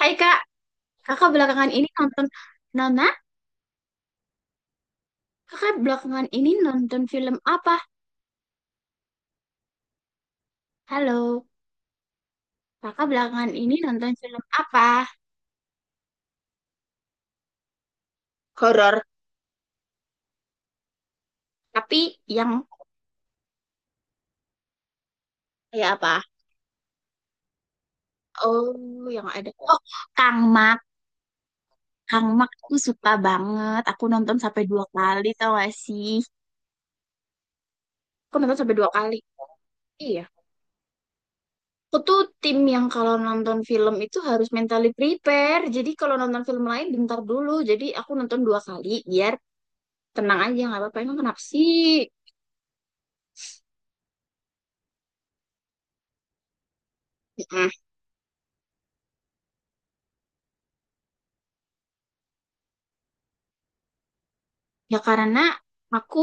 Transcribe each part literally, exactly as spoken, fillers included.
Hai Kak, kakak belakangan ini nonton Nona, kakak belakangan ini nonton film apa? Halo, kakak belakangan ini nonton film apa? Horor, tapi yang kayak apa? Oh, yang ada. Oh, Kang Mak. Kang Mak aku suka banget. Aku nonton sampai dua kali tau gak sih? Aku nonton sampai dua kali. Iya. Aku tuh tim yang kalau nonton film itu harus mentally prepare. Jadi kalau nonton film lain bentar dulu. Jadi aku nonton dua kali biar tenang aja, nggak apa-apa. Emang kenapa sih? mm Ya karena aku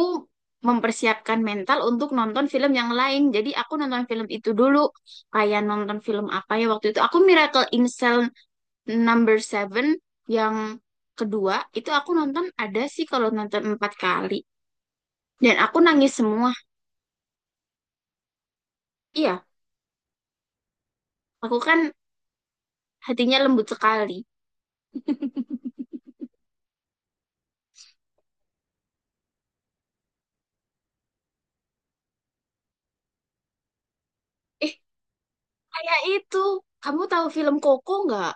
mempersiapkan mental untuk nonton film yang lain. Jadi aku nonton film itu dulu. Kayak nonton film apa ya waktu itu. Aku Miracle in Cell Number seven yang kedua. Itu aku nonton ada sih kalau nonton empat kali. Dan aku nangis semua. Iya, aku kan hatinya lembut sekali. Eh, kayak itu. Kamu tahu film Koko nggak?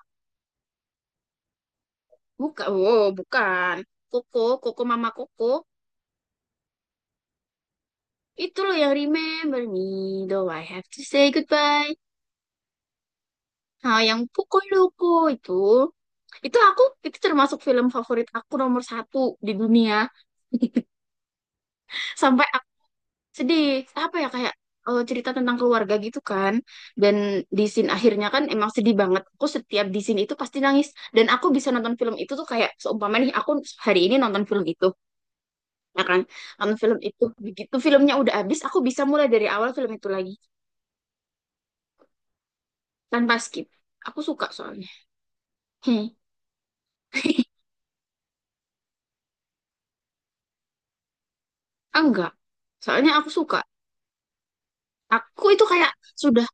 Bukan. Oh, bukan. Koko, Koko Mama Koko. Itu loh yang Remember Me, Though I Have to Say Goodbye. Nah, yang pukul Loco itu, itu aku, itu termasuk film favorit aku nomor satu di dunia. Sampai aku sedih, apa ya, kayak eh, cerita tentang keluarga gitu kan. Dan di scene akhirnya kan emang sedih banget. Aku setiap di scene itu pasti nangis. Dan aku bisa nonton film itu tuh kayak, seumpama nih, aku hari ini nonton film itu, ya kan? Nonton film itu, begitu filmnya udah habis, aku bisa mulai dari awal film itu lagi, tanpa skip. Aku suka soalnya. Hmm. Enggak. Soalnya aku suka. Aku itu kayak sudah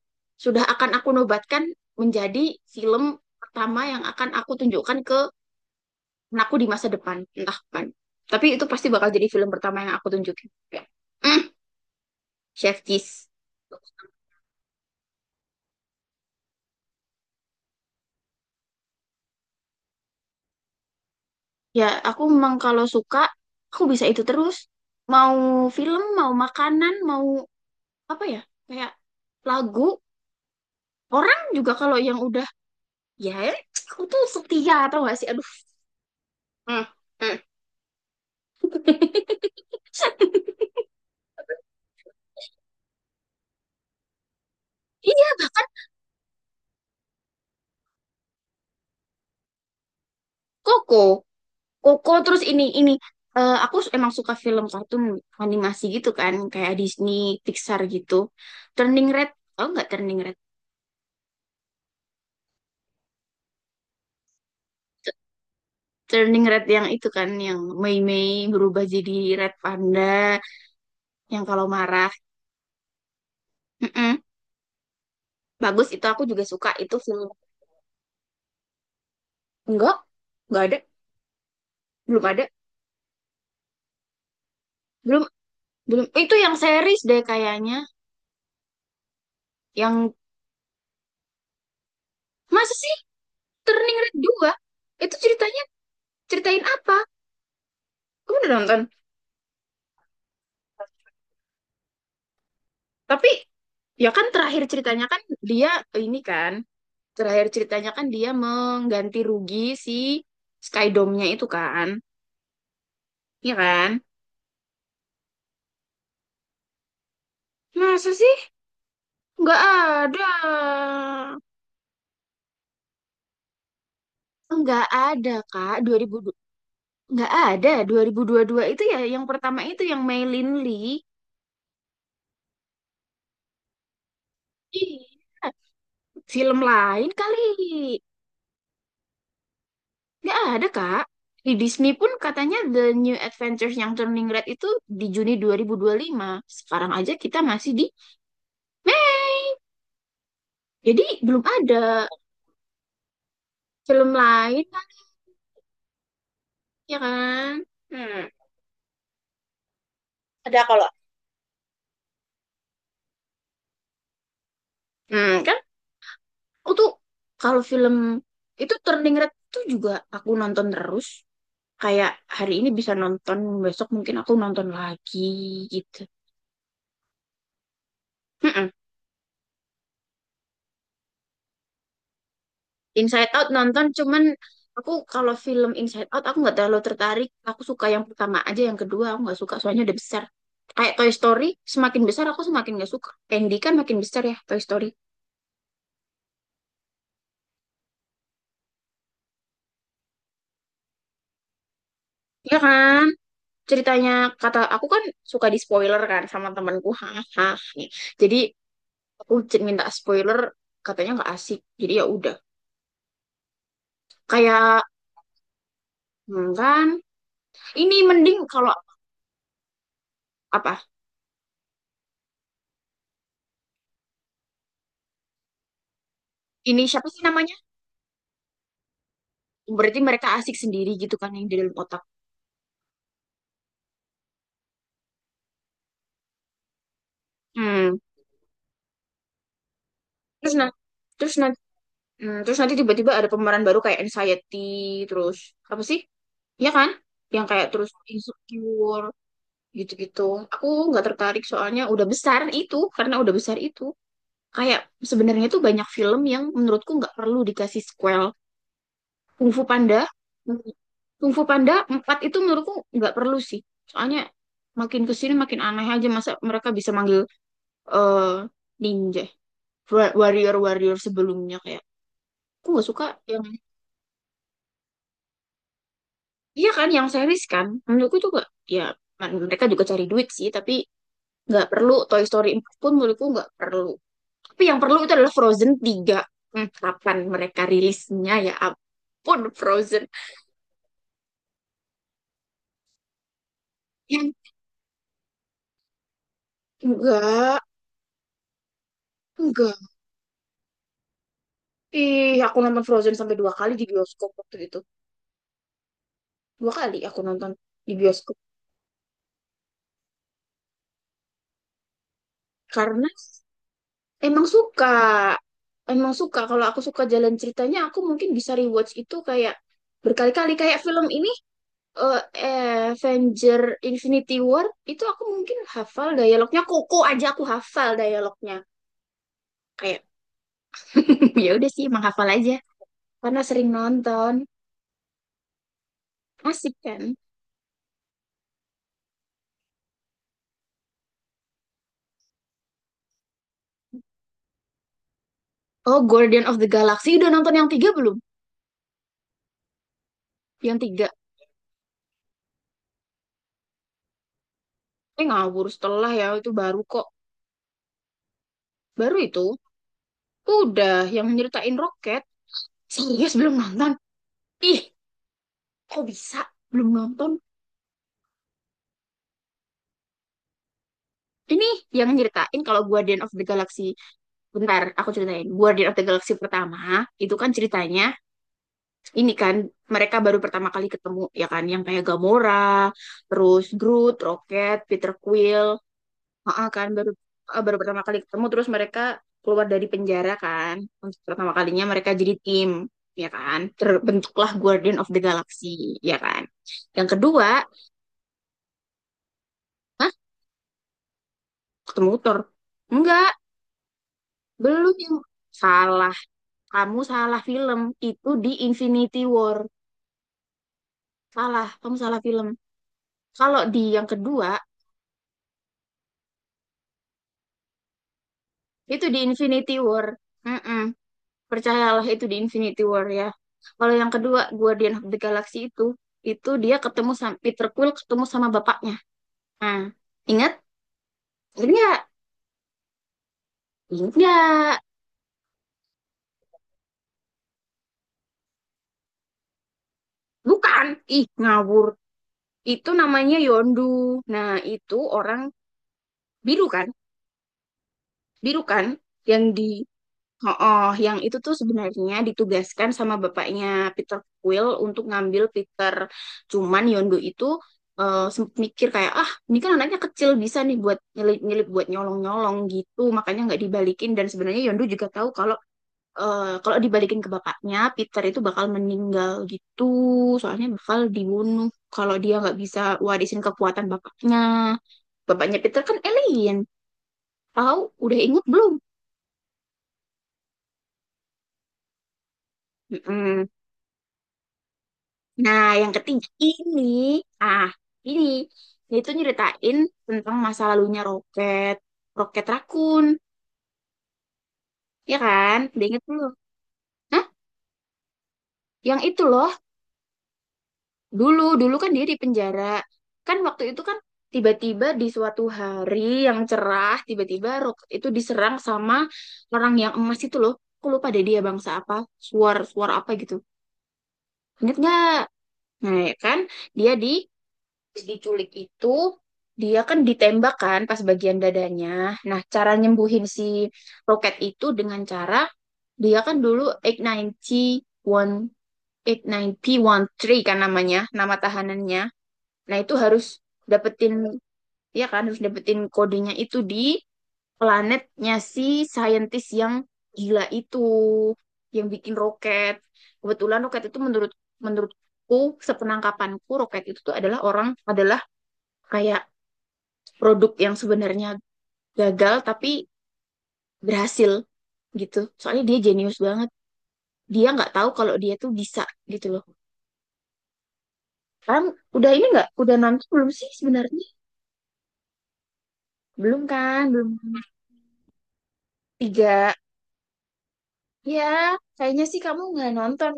sudah akan aku nobatkan menjadi film pertama yang akan aku tunjukkan ke anakku di masa depan, entah kapan. Tapi itu pasti bakal jadi film pertama yang aku tunjukin. Ya. Mm, Chef Kiss. Ya, aku memang kalau suka, aku bisa itu terus. Mau film, mau makanan, mau apa ya? Kayak lagu. Orang juga kalau yang udah, ya aku tuh setia atau gak sih? Aduh. Mm, mm. Iya, bahkan Koko. Koko terus ini ini eh, aku emang suka film kartun animasi gitu kan, kayak Disney, Pixar gitu. Turning Red, oh nggak Turning Red. T- Turning Red yang itu kan yang Mei Mei berubah jadi Red Panda yang kalau marah. Mm-mm. Bagus itu aku juga suka itu film. Enggak, enggak ada, belum ada. Belum belum itu yang series deh kayaknya. Yang masa sih Turning Red dua. Itu ceritanya ceritain apa? Kamu udah nonton? Tapi ya kan terakhir ceritanya kan dia ini kan terakhir ceritanya kan dia mengganti rugi si Skydome-nya itu kan, ya kan? Masa sih? Nggak ada. Nggak ada, Kak. dua ribu nggak ada. Dua dua ribu dua puluh dua itu ya yang pertama itu yang Mei Lin Lee. Iya. Film lain kali. Nggak ada, Kak. Di Disney pun katanya The New Adventures yang Turning Red itu di Juni dua dua ribu dua puluh lima. Sekarang aja kita masih di eh, jadi belum ada film lain kan, ya kan? Hmm. Ada kalau hmm, kan aku kalau film itu Turning Red tuh juga aku nonton terus. Kayak hari ini bisa nonton, besok mungkin aku nonton lagi gitu. Mm-mm. Inside Out nonton cuman aku kalau film Inside Out aku nggak terlalu tertarik. Aku suka yang pertama aja, yang kedua aku nggak suka soalnya udah besar. Kayak Toy Story, semakin besar aku semakin nggak suka. Andy kan makin besar ya Toy Story. Iya kan? Ceritanya kata aku kan suka di spoiler kan sama temanku, hahaha, nih jadi aku c- minta spoiler, katanya nggak asik jadi ya udah kayak hmm, kan ini mending kalau apa ini siapa sih namanya, berarti mereka asik sendiri gitu kan yang di dalam otak. Hmm. Terus nah terus nanti terus nanti tiba-tiba ada pemeran baru kayak anxiety, terus apa sih ya kan yang kayak terus insecure gitu-gitu, aku nggak tertarik soalnya udah besar itu karena udah besar itu kayak sebenarnya tuh banyak film yang menurutku nggak perlu dikasih sequel. Kung Fu Panda, Kung Fu Panda empat itu menurutku nggak perlu sih. Soalnya makin kesini makin aneh aja masa mereka bisa manggil eh ninja, wa- warrior-warrior sebelumnya kayak. Aku nggak suka yang iya kan yang series kan. Menurutku tuh nggak, ya mereka juga cari duit sih tapi nggak perlu Toy Story empat pun menurutku nggak perlu. Tapi yang perlu itu adalah Frozen tiga. Hmm, kapan mereka rilisnya ya ampun Frozen. Yang enggak, enggak. Ih, aku nonton Frozen sampai dua kali di bioskop waktu itu. Dua kali aku nonton di bioskop. Karena emang suka. Emang suka. Kalau aku suka jalan ceritanya, aku mungkin bisa rewatch itu kayak berkali-kali. Kayak film ini, eh, Avenger Infinity War, itu aku mungkin hafal dialognya. Koko aja aku hafal dialognya. Kayak ya udah sih menghafal aja karena sering nonton asik kan. Oh Guardian of the Galaxy udah nonton yang tiga belum? Yang tiga eh ngawur setelah ya itu baru kok baru itu udah yang nyeritain roket. Serius belum nonton? Ih, kok bisa belum nonton ini yang nyeritain kalau Guardian of the Galaxy. Bentar aku ceritain Guardian of the Galaxy pertama itu kan ceritanya ini kan mereka baru pertama kali ketemu ya kan yang kayak Gamora terus Groot Rocket Peter Quill. Heeh kan baru eh, baru pertama kali ketemu terus mereka keluar dari penjara kan untuk pertama kalinya mereka jadi tim ya kan terbentuklah Guardian of the Galaxy, ya kan, yang kedua. Hah, ketemu Thor? Enggak, belum yang salah, kamu salah film, itu di Infinity War. Salah, kamu salah film. Kalau di yang kedua itu di Infinity War. Mm-mm. Percayalah itu di Infinity War ya. Kalau yang kedua Guardian of the Galaxy itu, itu dia ketemu sama Peter Quill ketemu sama bapaknya. Nah, ingat? Ingat nggak? Ingat nggak? Bukan. Ih, ngawur. Itu namanya Yondu. Nah, itu orang biru kan? Biru kan? Yang di oh, oh, yang itu tuh sebenarnya ditugaskan sama bapaknya Peter Quill untuk ngambil Peter. Cuman Yondu itu eh, sempet mikir kayak, ah ini kan anaknya kecil bisa nih buat nyelip-nyelip, buat nyolong-nyolong gitu. Makanya nggak dibalikin. Dan sebenarnya Yondu juga tahu kalau eh, kalau dibalikin ke bapaknya, Peter itu bakal meninggal gitu. Soalnya bakal dibunuh kalau dia nggak bisa warisin kekuatan bapaknya. Bapaknya Peter kan alien. Tahu? Udah inget belum? Mm-mm. Nah, yang ketiga ini, ah, ini dia itu nyeritain tentang masa lalunya Roket, Roket Rakun, ya kan? Udah inget dulu. Hah? Yang itu loh, dulu, dulu kan dia di penjara. Kan waktu itu kan tiba-tiba di suatu hari yang cerah, tiba-tiba Roket itu diserang sama orang yang emas itu loh. Aku lupa deh dia bangsa apa, suar, suar apa gitu. Ingat nggak? Nah, ya kan? Dia di diculik itu, dia kan ditembak kan pas bagian dadanya. Nah, cara nyembuhin si roket itu dengan cara dia kan dulu delapan sembilan satu delapan sembilan satu P satu tiga kan namanya, nama tahanannya. Nah, itu harus dapetin, ya kan harus dapetin kodenya itu di planetnya si saintis yang gila itu yang bikin roket. Kebetulan roket itu menurut menurutku sepenangkapanku roket itu tuh adalah orang adalah kayak produk yang sebenarnya gagal tapi berhasil gitu. Soalnya dia jenius banget. Dia nggak tahu kalau dia tuh bisa gitu loh. Kan udah ini nggak? Udah nanti belum sih sebenarnya? Belum kan? Belum tiga. Ya, kayaknya sih kamu nggak nonton.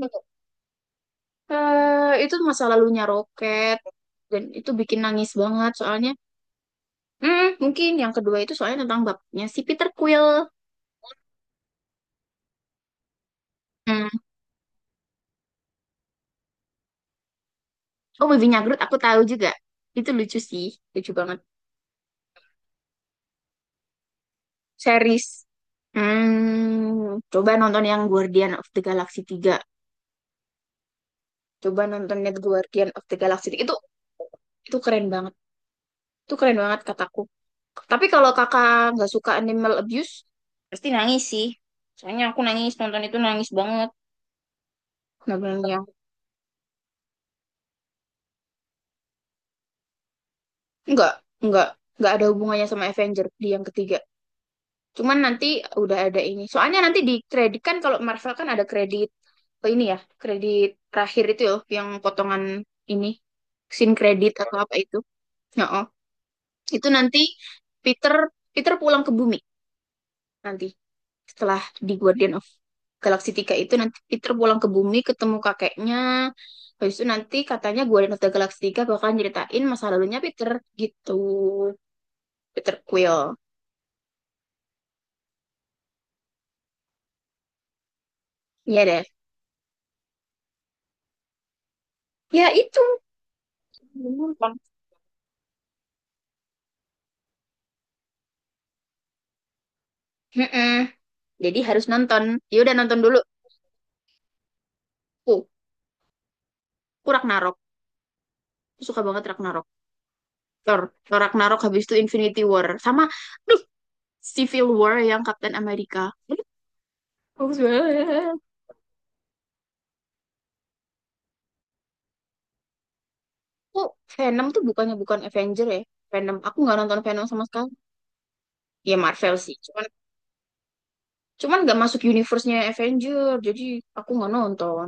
Eh, itu masa lalunya Roket. Dan itu bikin nangis banget soalnya. Hmm, mungkin yang kedua itu soalnya tentang bapaknya si Peter Quill. Hmm. Oh, Baby Nyagrut aku tahu juga. Itu lucu sih. Lucu banget. Series. Hmm, coba nonton yang Guardian of the Galaxy tiga. Coba nonton net Guardian of the Galaxy tiga. Itu itu keren banget. Itu keren banget kataku. Tapi kalau kakak nggak suka animal abuse, pasti nangis sih. Soalnya aku nangis nonton itu nangis banget. Nggak bener yang nggak, nggak, nggak ada hubungannya sama Avenger di yang ketiga. Cuman nanti udah ada ini. Soalnya nanti di kredit kan kalau Marvel kan ada kredit eh, ini ya, kredit terakhir itu ya, yang potongan ini, scene kredit atau apa itu. Ya oh, itu nanti Peter Peter pulang ke bumi nanti setelah di Guardian of Galaxy tiga itu nanti Peter pulang ke bumi ketemu kakeknya. Habis itu nanti katanya Guardian of the Galaxy tiga bakal nyeritain masa lalunya Peter gitu. Peter Quill. Iya deh. Ya itu. Bener, Bang. Mm-mm. Jadi harus nonton. Ya udah nonton dulu. Ku, ku Ragnarok. Aku suka banget Ragnarok. Thor, Thor Ragnarok habis itu Infinity War. Sama, aduh, Civil War yang Captain America. Aduh, bagus banget. Aku Venom tuh bukannya bukan Avenger ya. Venom, aku nggak nonton Venom sama sekali. Ya Marvel sih. Cuman Cuman nggak masuk universe-nya Avenger. Jadi aku nggak nonton.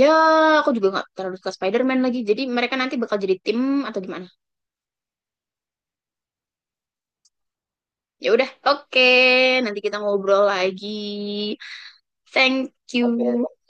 Ya, aku juga nggak terlalu suka Spider-Man lagi. Jadi mereka nanti bakal jadi tim atau gimana? Ya udah, oke. Nanti kita ngobrol lagi. Thank you. Okay.